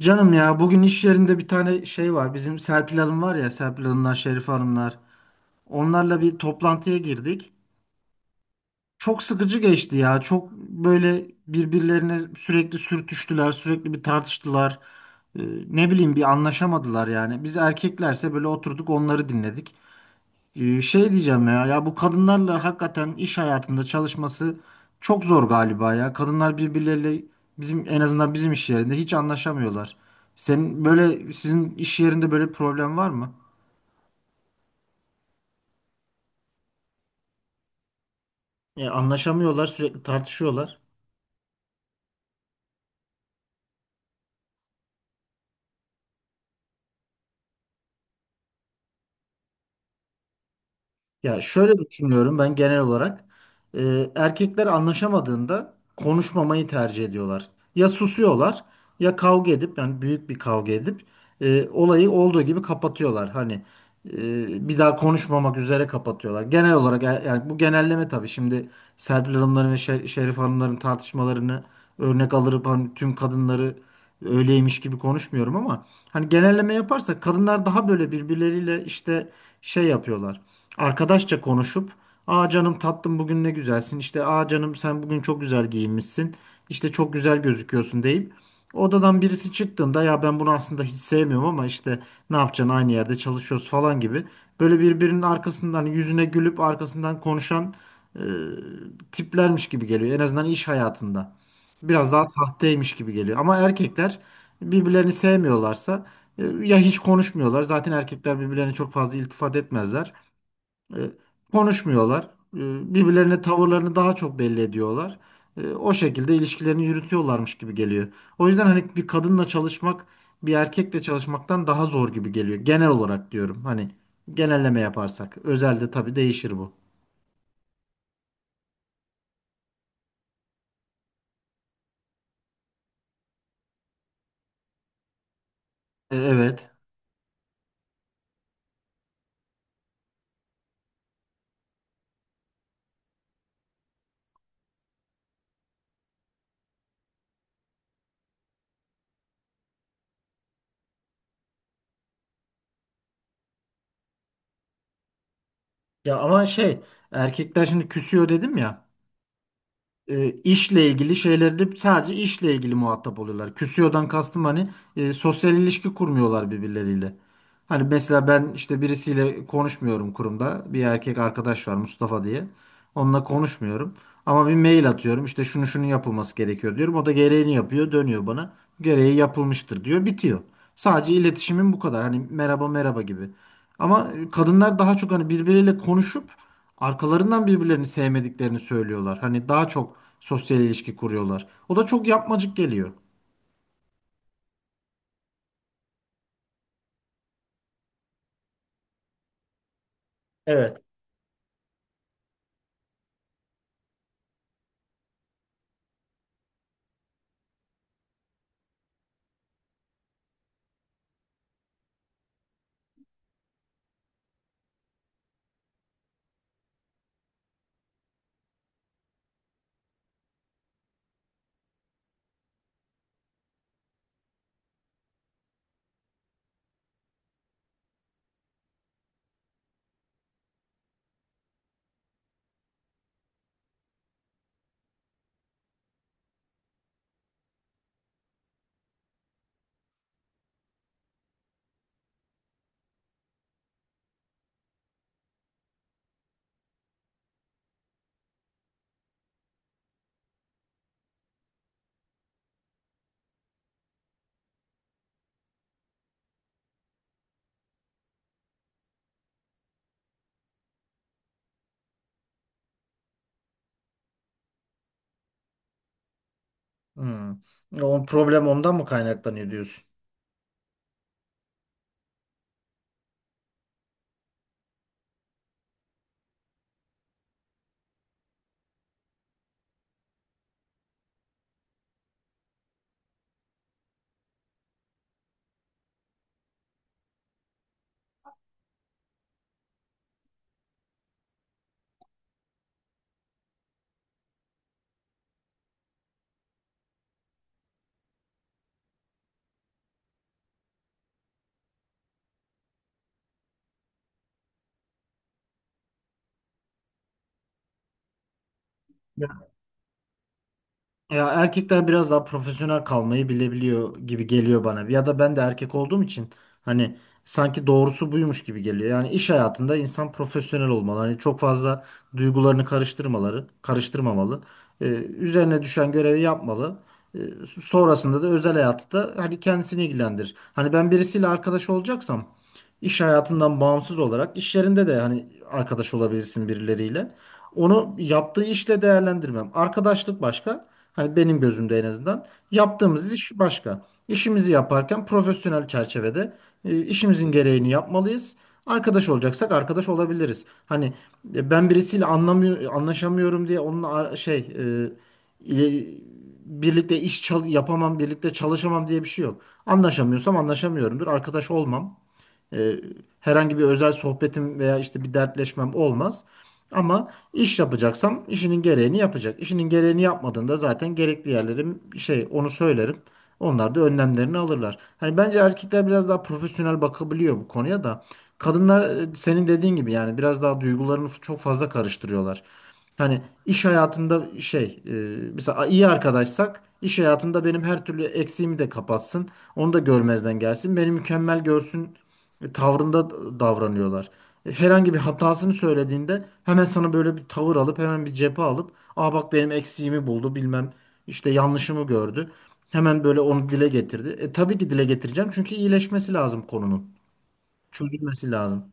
Canım ya bugün iş yerinde bir tane şey var. Bizim Serpil Hanım var ya Serpil Hanımlar, Şerif Hanımlar. Onlarla bir toplantıya girdik. Çok sıkıcı geçti ya. Çok böyle birbirlerine sürekli sürtüştüler, sürekli tartıştılar. Ee, ne bileyim bir anlaşamadılar yani. Biz erkeklerse böyle oturduk onları dinledik. Şey diyeceğim ya, bu kadınlarla hakikaten iş hayatında çalışması çok zor galiba ya. Kadınlar birbirleriyle en azından bizim iş yerinde hiç anlaşamıyorlar. Senin böyle sizin iş yerinde böyle problem var mı? Ya anlaşamıyorlar, sürekli tartışıyorlar. Ya şöyle düşünüyorum ben genel olarak. Erkekler anlaşamadığında konuşmamayı tercih ediyorlar. Ya susuyorlar ya kavga edip yani büyük bir kavga edip olayı olduğu gibi kapatıyorlar. Hani bir daha konuşmamak üzere kapatıyorlar. Genel olarak yani bu genelleme tabii şimdi Serpil Hanımların ve Şerif Hanımların tartışmalarını örnek alırıp hani tüm kadınları öyleymiş gibi konuşmuyorum ama hani genelleme yaparsak kadınlar daha böyle birbirleriyle işte şey yapıyorlar, arkadaşça konuşup aa canım tatlım bugün ne güzelsin işte aa canım sen bugün çok güzel giyinmişsin işte çok güzel gözüküyorsun deyip odadan birisi çıktığında ya ben bunu aslında hiç sevmiyorum ama işte ne yapacaksın aynı yerde çalışıyoruz falan gibi böyle birbirinin arkasından hani yüzüne gülüp arkasından konuşan e, tiplermiş gibi geliyor en azından iş hayatında. Biraz daha sahteymiş gibi geliyor ama erkekler birbirlerini sevmiyorlarsa ya hiç konuşmuyorlar. Zaten erkekler birbirlerine çok fazla iltifat etmezler. E, Konuşmuyorlar. Birbirlerine tavırlarını daha çok belli ediyorlar. O şekilde ilişkilerini yürütüyorlarmış gibi geliyor. O yüzden hani bir kadınla çalışmak bir erkekle çalışmaktan daha zor gibi geliyor. Genel olarak diyorum. Hani genelleme yaparsak. Özelde tabii değişir bu. Evet. Ya ama erkekler şimdi küsüyor dedim ya. İşle ilgili şeylerde sadece işle ilgili muhatap oluyorlar. Küsüyordan kastım hani sosyal ilişki kurmuyorlar birbirleriyle. Hani mesela ben işte birisiyle konuşmuyorum kurumda. Bir erkek arkadaş var, Mustafa diye. Onunla konuşmuyorum. Ama bir mail atıyorum. İşte şunu şunun yapılması gerekiyor diyorum. O da gereğini yapıyor, dönüyor bana. Gereği yapılmıştır diyor, bitiyor. Sadece iletişimin bu kadar. Hani merhaba merhaba gibi. Ama kadınlar daha çok hani birbiriyle konuşup arkalarından birbirlerini sevmediklerini söylüyorlar. Hani daha çok sosyal ilişki kuruyorlar. O da çok yapmacık geliyor. Evet. Hmm. O problem ondan mı kaynaklanıyor diyorsun? Ya erkekler biraz daha profesyonel kalmayı bilebiliyor gibi geliyor bana. Ya da ben de erkek olduğum için hani sanki doğrusu buymuş gibi geliyor. Yani iş hayatında insan profesyonel olmalı. Hani çok fazla duygularını karıştırmamalı. Ee, Üzerine düşen görevi yapmalı. Ee, Sonrasında da özel hayatı da hani kendisini ilgilendirir. Hani ben birisiyle arkadaş olacaksam iş hayatından bağımsız olarak iş yerinde de hani arkadaş olabilirsin birileriyle. Onu yaptığı işle değerlendirmem. Arkadaşlık başka. Hani benim gözümde en azından. Yaptığımız iş başka. İşimizi yaparken profesyonel çerçevede işimizin gereğini yapmalıyız. Arkadaş olacaksak arkadaş olabiliriz. Hani ben birisiyle anlaşamıyorum diye onunla ar- şey e, ile- birlikte iş çal- yapamam, birlikte çalışamam diye bir şey yok. Anlaşamıyorsam anlaşamıyorumdur. Arkadaş olmam. E, Herhangi bir özel sohbetim veya işte bir dertleşmem olmaz. Ama iş yapacaksam işinin gereğini yapacak. İşinin gereğini yapmadığında zaten gerekli yerlerim şey onu söylerim. Onlar da önlemlerini alırlar. Hani bence erkekler biraz daha profesyonel bakabiliyor bu konuya da. Kadınlar senin dediğin gibi yani biraz daha duygularını çok fazla karıştırıyorlar. Hani iş hayatında mesela iyi arkadaşsak iş hayatımda benim her türlü eksiğimi de kapatsın. Onu da görmezden gelsin. Beni mükemmel görsün ve tavrında davranıyorlar. Herhangi bir hatasını söylediğinde hemen sana böyle bir tavır alıp hemen bir cephe alıp aa bak benim eksiğimi buldu bilmem işte yanlışımı gördü. Hemen böyle onu dile getirdi. E tabii ki dile getireceğim çünkü iyileşmesi lazım konunun. Çözülmesi lazım.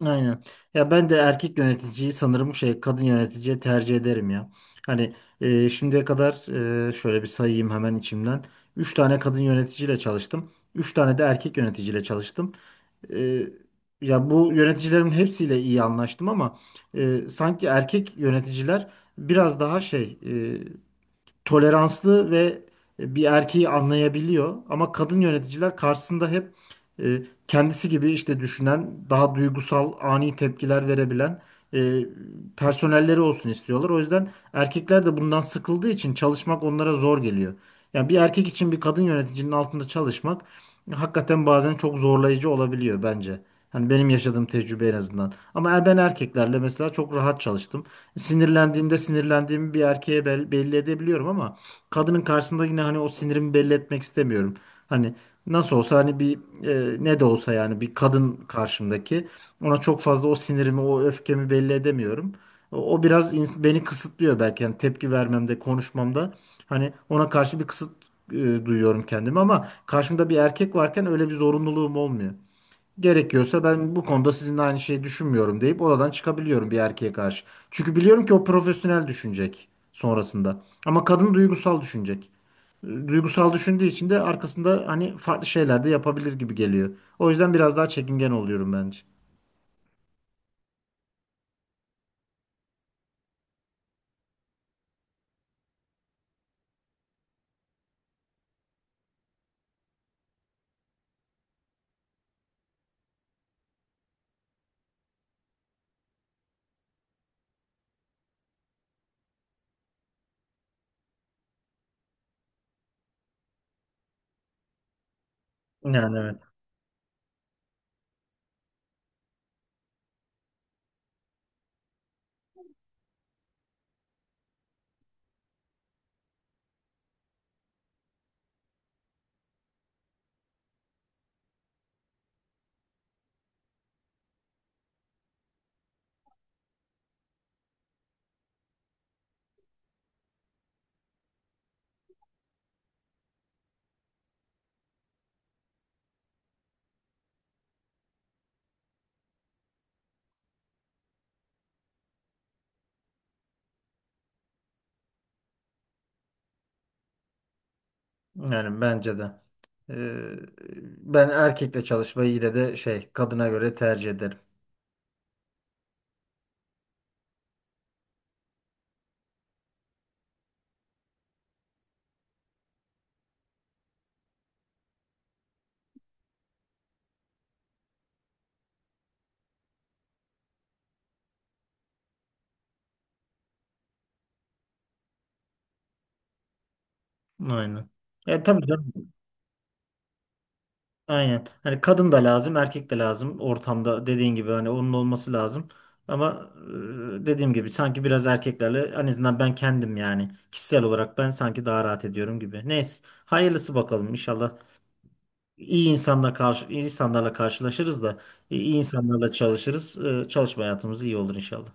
Aynen. Ya ben de erkek yöneticiyi sanırım şey kadın yöneticiye tercih ederim ya. Hani şimdiye kadar şöyle bir sayayım hemen içimden. 3 tane kadın yöneticiyle çalıştım. Üç tane de erkek yöneticiyle çalıştım. e, Ya bu yöneticilerin hepsiyle iyi anlaştım ama sanki erkek yöneticiler biraz daha şey toleranslı ve bir erkeği anlayabiliyor. Ama kadın yöneticiler karşısında hep e, kendisi gibi işte düşünen, daha duygusal, ani tepkiler verebilen e, personelleri olsun istiyorlar. O yüzden erkekler de bundan sıkıldığı için çalışmak onlara zor geliyor. Yani bir erkek için bir kadın yöneticinin altında çalışmak hakikaten bazen çok zorlayıcı olabiliyor bence. Hani benim yaşadığım tecrübe en azından. Ama ben erkeklerle mesela çok rahat çalıştım, sinirlendiğimde sinirlendiğimi bir erkeğe belli edebiliyorum ama kadının karşısında yine hani o sinirimi belli etmek istemiyorum. Hani nasıl olsa hani ne de olsa yani bir kadın karşımdaki, ona çok fazla o sinirimi, o öfkemi belli edemiyorum. O biraz beni kısıtlıyor belki yani tepki vermemde, konuşmamda. Hani ona karşı bir kısıt e, duyuyorum kendimi ama karşımda bir erkek varken öyle bir zorunluluğum olmuyor. Gerekiyorsa ben bu konuda sizinle aynı şeyi düşünmüyorum deyip oradan çıkabiliyorum bir erkeğe karşı. Çünkü biliyorum ki o profesyonel düşünecek sonrasında. Ama kadın duygusal düşünecek. Duygusal düşündüğü için de arkasında hani farklı şeyler de yapabilir gibi geliyor. O yüzden biraz daha çekingen oluyorum bence. Yani evet. Yani bence de. E, Ben erkekle çalışmayı yine de şey kadına göre tercih ederim. Aynen. E tabii canım. Aynen. Hani kadın da lazım, erkek de lazım ortamda dediğin gibi hani onun olması lazım. Ama dediğim gibi sanki biraz erkeklerle en azından ben kendim yani kişisel olarak ben sanki daha rahat ediyorum gibi. Neyse, hayırlısı bakalım inşallah. İyi insanla karşı iyi insanlarla karşılaşırız da iyi insanlarla çalışırız. Çalışma hayatımız iyi olur inşallah.